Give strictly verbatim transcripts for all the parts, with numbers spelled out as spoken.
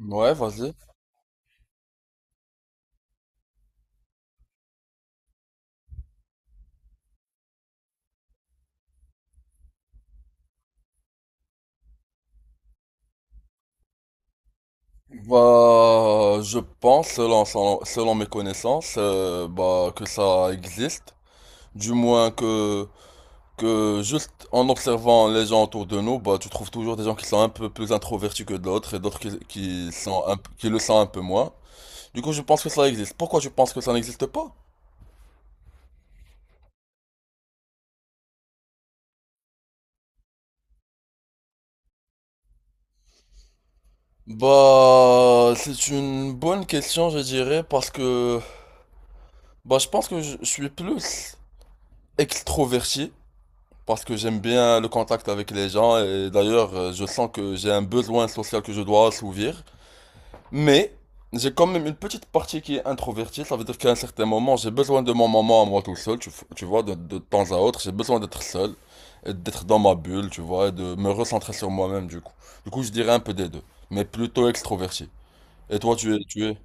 Ouais, vas-y. Bah, je pense, selon, selon, selon mes connaissances, euh, bah, que ça existe. Du moins que, que juste en observant les gens autour de nous, bah, tu trouves toujours des gens qui sont un peu plus introvertis que d'autres et d'autres qui, qui sont un, p- qui le sont un peu moins. Du coup, je pense que ça existe. Pourquoi je pense que ça n'existe pas? Bah, c'est une bonne question, je dirais, parce que, bah, je pense que je je suis plus extroverti. Parce que j'aime bien le contact avec les gens et d'ailleurs euh, je sens que j'ai un besoin social que je dois assouvir. Mais j'ai quand même une petite partie qui est introvertie, ça veut dire qu'à un certain moment j'ai besoin de mon moment à moi tout seul, tu, f- tu vois, de, de temps à autre, j'ai besoin d'être seul et d'être dans ma bulle, tu vois, et de me recentrer sur moi-même du coup. Du coup je dirais un peu des deux, mais plutôt extroverti. Et toi tu es, tu es?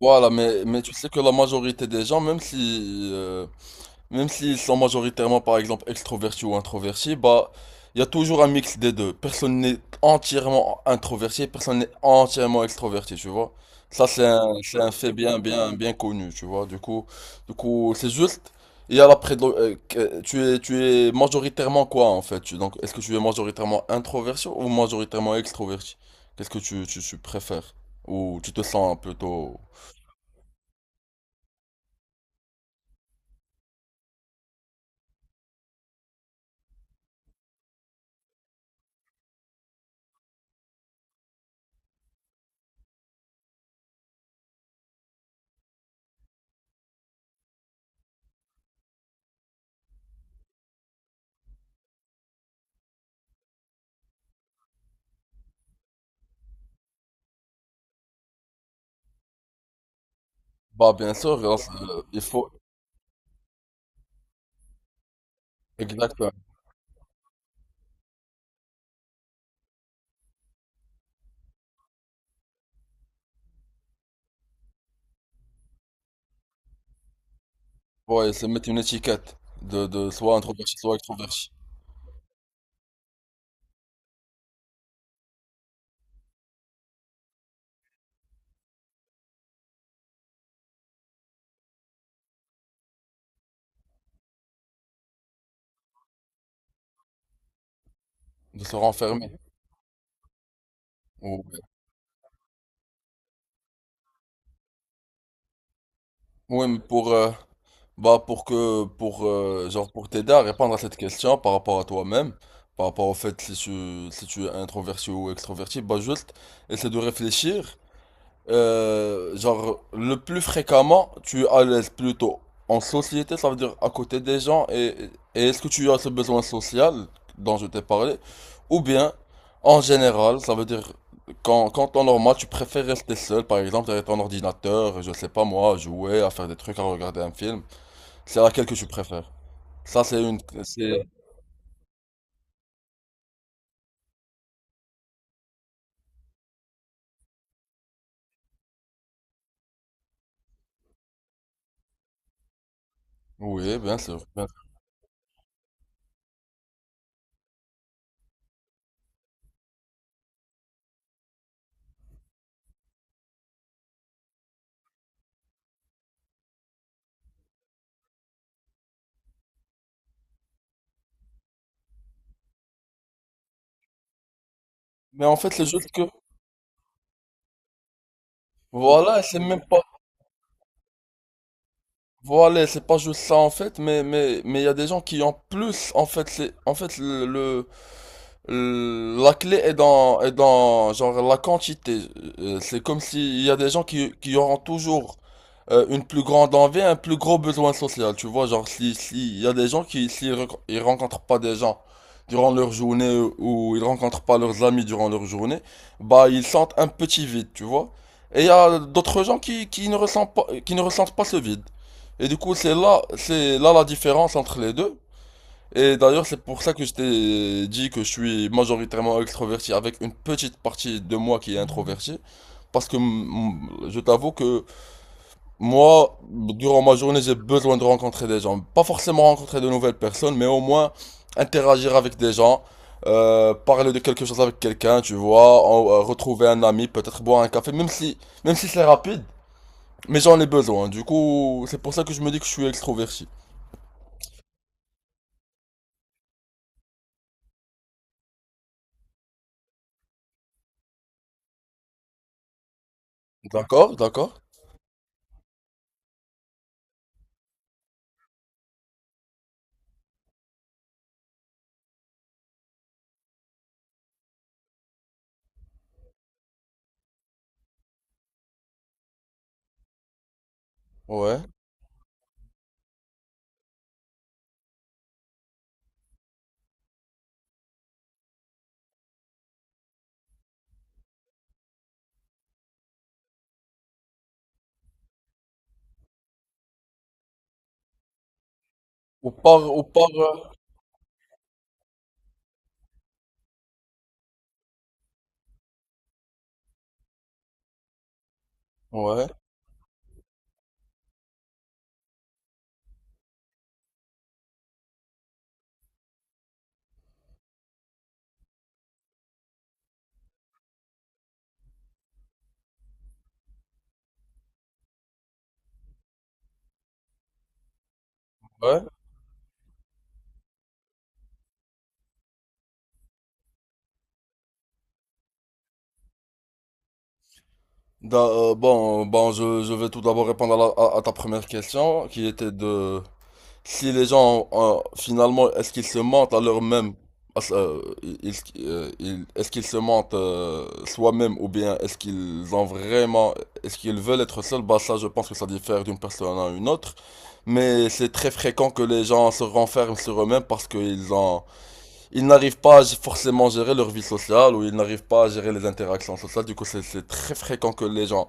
Voilà, mais, mais tu sais que la majorité des gens, même si, euh, même s'ils sont majoritairement, par exemple, extrovertis ou introvertis, bah, il y a toujours un mix des deux. Personne n'est entièrement introverti, et personne n'est entièrement extroverti, tu vois. Ça, c'est un, c'est un fait bien, bien, bien connu, tu vois. Du coup, du coup, c'est juste, il y a la prédo- euh, que- tu es, tu es majoritairement quoi, en fait? tu- donc, est-ce que tu es majoritairement introverti ou majoritairement extroverti? Qu'est-ce que tu, tu, tu préfères? Ou tu te sens plutôt… Bah, bien sûr, grâce, euh, il faut, exactement. Ouais, se mettre une étiquette de, de soit introverti, soit extroverti, de se renfermer. Ou- Ouais. Ouais, mais pour, euh, bah, pour que, pour, euh, genre, pour t'aider à répondre à cette question par rapport à toi-même, par rapport au fait si tu, si tu es introverti ou extroverti, bah, juste essaie de réfléchir. Euh, genre, le plus fréquemment, tu es à l'aise plutôt en société, ça veut dire à côté des gens, et, et est-ce que tu as ce besoin social dont je t'ai parlé, ou bien en général, ça veut dire quand, quand temps normal, tu préfères rester seul, par exemple, derrière ton ordinateur, je sais pas moi, à jouer, à faire des trucs, à regarder un film, c'est laquelle que tu préfères. Ça, c'est une. C'est… Oui, bien sûr, bien sûr. Mais en fait, c'est juste que. Voilà, et c'est même pas. Voilà, c'est pas juste ça en fait, mais mais mais il y a des gens qui ont plus en fait c'est en fait le, le- le- la clé est dans est dans genre la quantité. Euh, C'est comme s'il y a des gens qui qui auront toujours euh, une plus grande envie, un plus gros besoin social, tu vois, genre si si il y a des gens qui s'ils rec- ils rencontrent pas des gens durant leur journée ou ils rencontrent pas leurs amis durant leur journée, bah ils sentent un petit vide, tu vois. Et il y a d'autres gens qui qui ne ressentent pas qui ne ressentent pas ce vide. Et du coup, c'est là, c'est là la différence entre les deux. Et d'ailleurs, c'est pour ça que je t'ai dit que je suis majoritairement extroverti avec une petite partie de moi qui est introverti. Parce que mm, je t'avoue que moi, durant ma journée, j'ai besoin de rencontrer des gens. Pas forcément rencontrer de nouvelles personnes, mais au moins interagir avec des gens, euh, parler de quelque chose avec quelqu'un, tu vois, en- euh, retrouver un ami, peut-être boire un café, même si, même si c'est rapide, mais j'en ai besoin. Du coup, c'est pour ça que je me dis que je suis extroverti. D'accord, d'accord. Ouais. Au part, au part, euh, ouais, ouais. Da- euh, bon, bon, je, je vais tout d'abord répondre à, la- à- à ta première question, qui était de si les gens, euh, finalement, est-ce qu'ils se mentent à leur même, est-ce euh, ils- est-ce qu'ils se mentent euh, soi-même ou bien est-ce qu'ils ont vraiment, est-ce qu'ils veulent être seuls? Bah ça, je pense que ça diffère d'une personne à une autre, mais c'est très fréquent que les gens se renferment sur eux-mêmes parce qu'ils ont ils n'arrivent pas à forcément à gérer leur vie sociale ou ils n'arrivent pas à gérer les interactions sociales. Du coup, c'est- c'est très fréquent que les gens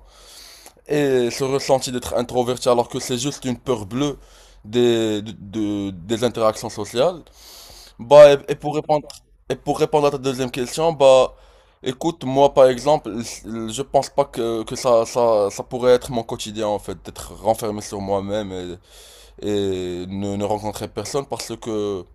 aient ce ressenti d'être introverti alors que c'est juste une peur bleue des, de- de- des interactions sociales. Bah, et, et pour répondre, et pour répondre à ta deuxième question, bah, écoute, moi par exemple, je pense pas que, que ça, ça, ça pourrait être mon quotidien en fait, d'être renfermé sur moi-même et, et ne, ne rencontrer personne parce que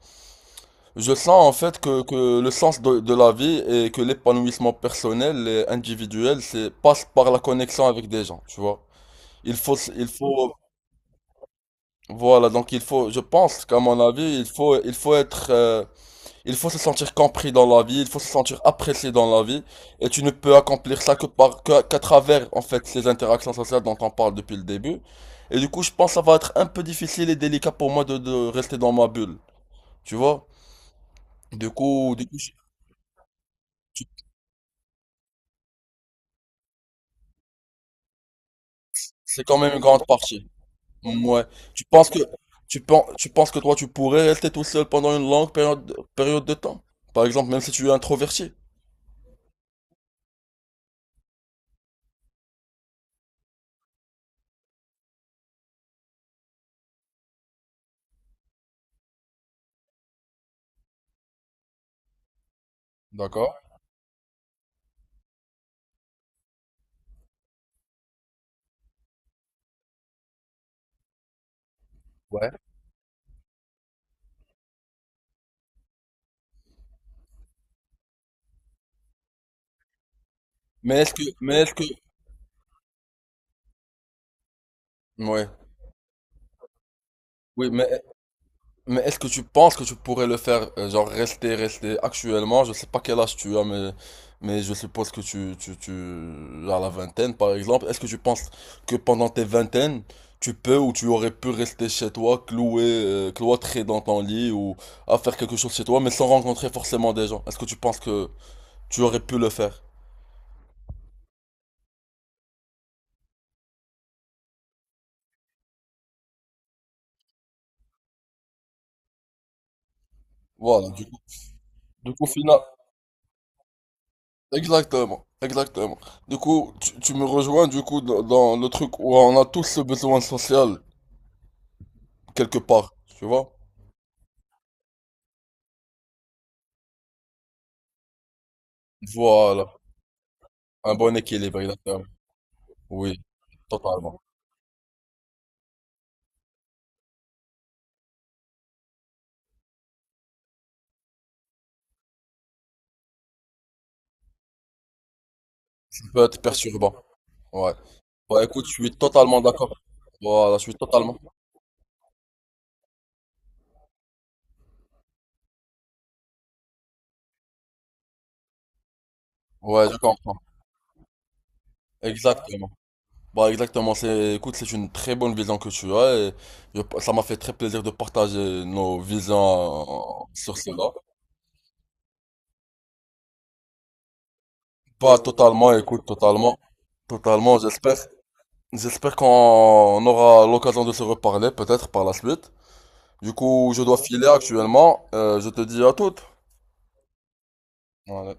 je sens en fait que, que le sens de, de la vie et que l'épanouissement personnel et individuel, c'est passe par la connexion avec des gens, tu vois. Il faut, s- il faut, voilà, donc il faut, je pense qu'à mon avis, il faut, il faut être, euh, il faut se sentir compris dans la vie, il faut se sentir apprécié dans la vie, et tu ne peux accomplir ça que par, que- qu'à travers en fait ces interactions sociales dont on parle depuis le début. Et du coup, je pense que ça va être un peu difficile et délicat pour moi de, de rester dans ma bulle, tu vois. Du coup, du coup, je- C'est quand même une grande partie. Ouais. Tu penses que tu penses, tu penses que toi tu pourrais rester tout seul pendant une longue période, période de temps. Par exemple, même si tu es introverti. D'accord. Ouais. Mais est-ce que mais est-ce que ouais. Oui, mais Mais est-ce que tu penses que tu pourrais le faire, euh, genre rester, rester actuellement? Je sais pas quel âge tu as, mais, mais je suppose que tu, tu, tu as la vingtaine, par exemple. Est-ce que tu penses que pendant tes vingtaines, tu peux ou tu aurais pu rester chez toi, cloué, euh, cloîtré dans ton lit ou à faire quelque chose chez toi, mais sans rencontrer forcément des gens? Est-ce que tu penses que tu aurais pu le faire? Voilà, du coup, du coup, final- exactement, exactement. Du coup, tu, tu me rejoins du coup dans, dans le truc où on a tous ce besoin social quelque part, tu vois? Voilà, un bon équilibre, exactement. Oui, totalement. Ça peut être perturbant, ouais. Bah écoute, je suis totalement d'accord. Voilà, je suis totalement. Ouais, je comprends. Exactement. Bah exactement, c'est, écoute, c'est une très bonne vision que tu as et je- ça m'a fait très plaisir de partager nos visions euh, sur cela. Pas totalement, écoute, totalement. Totalement, j'espère. J'espère qu'on aura l'occasion de se reparler peut-être par la suite. Du coup, je dois filer actuellement. Euh, je te dis à toutes. Voilà.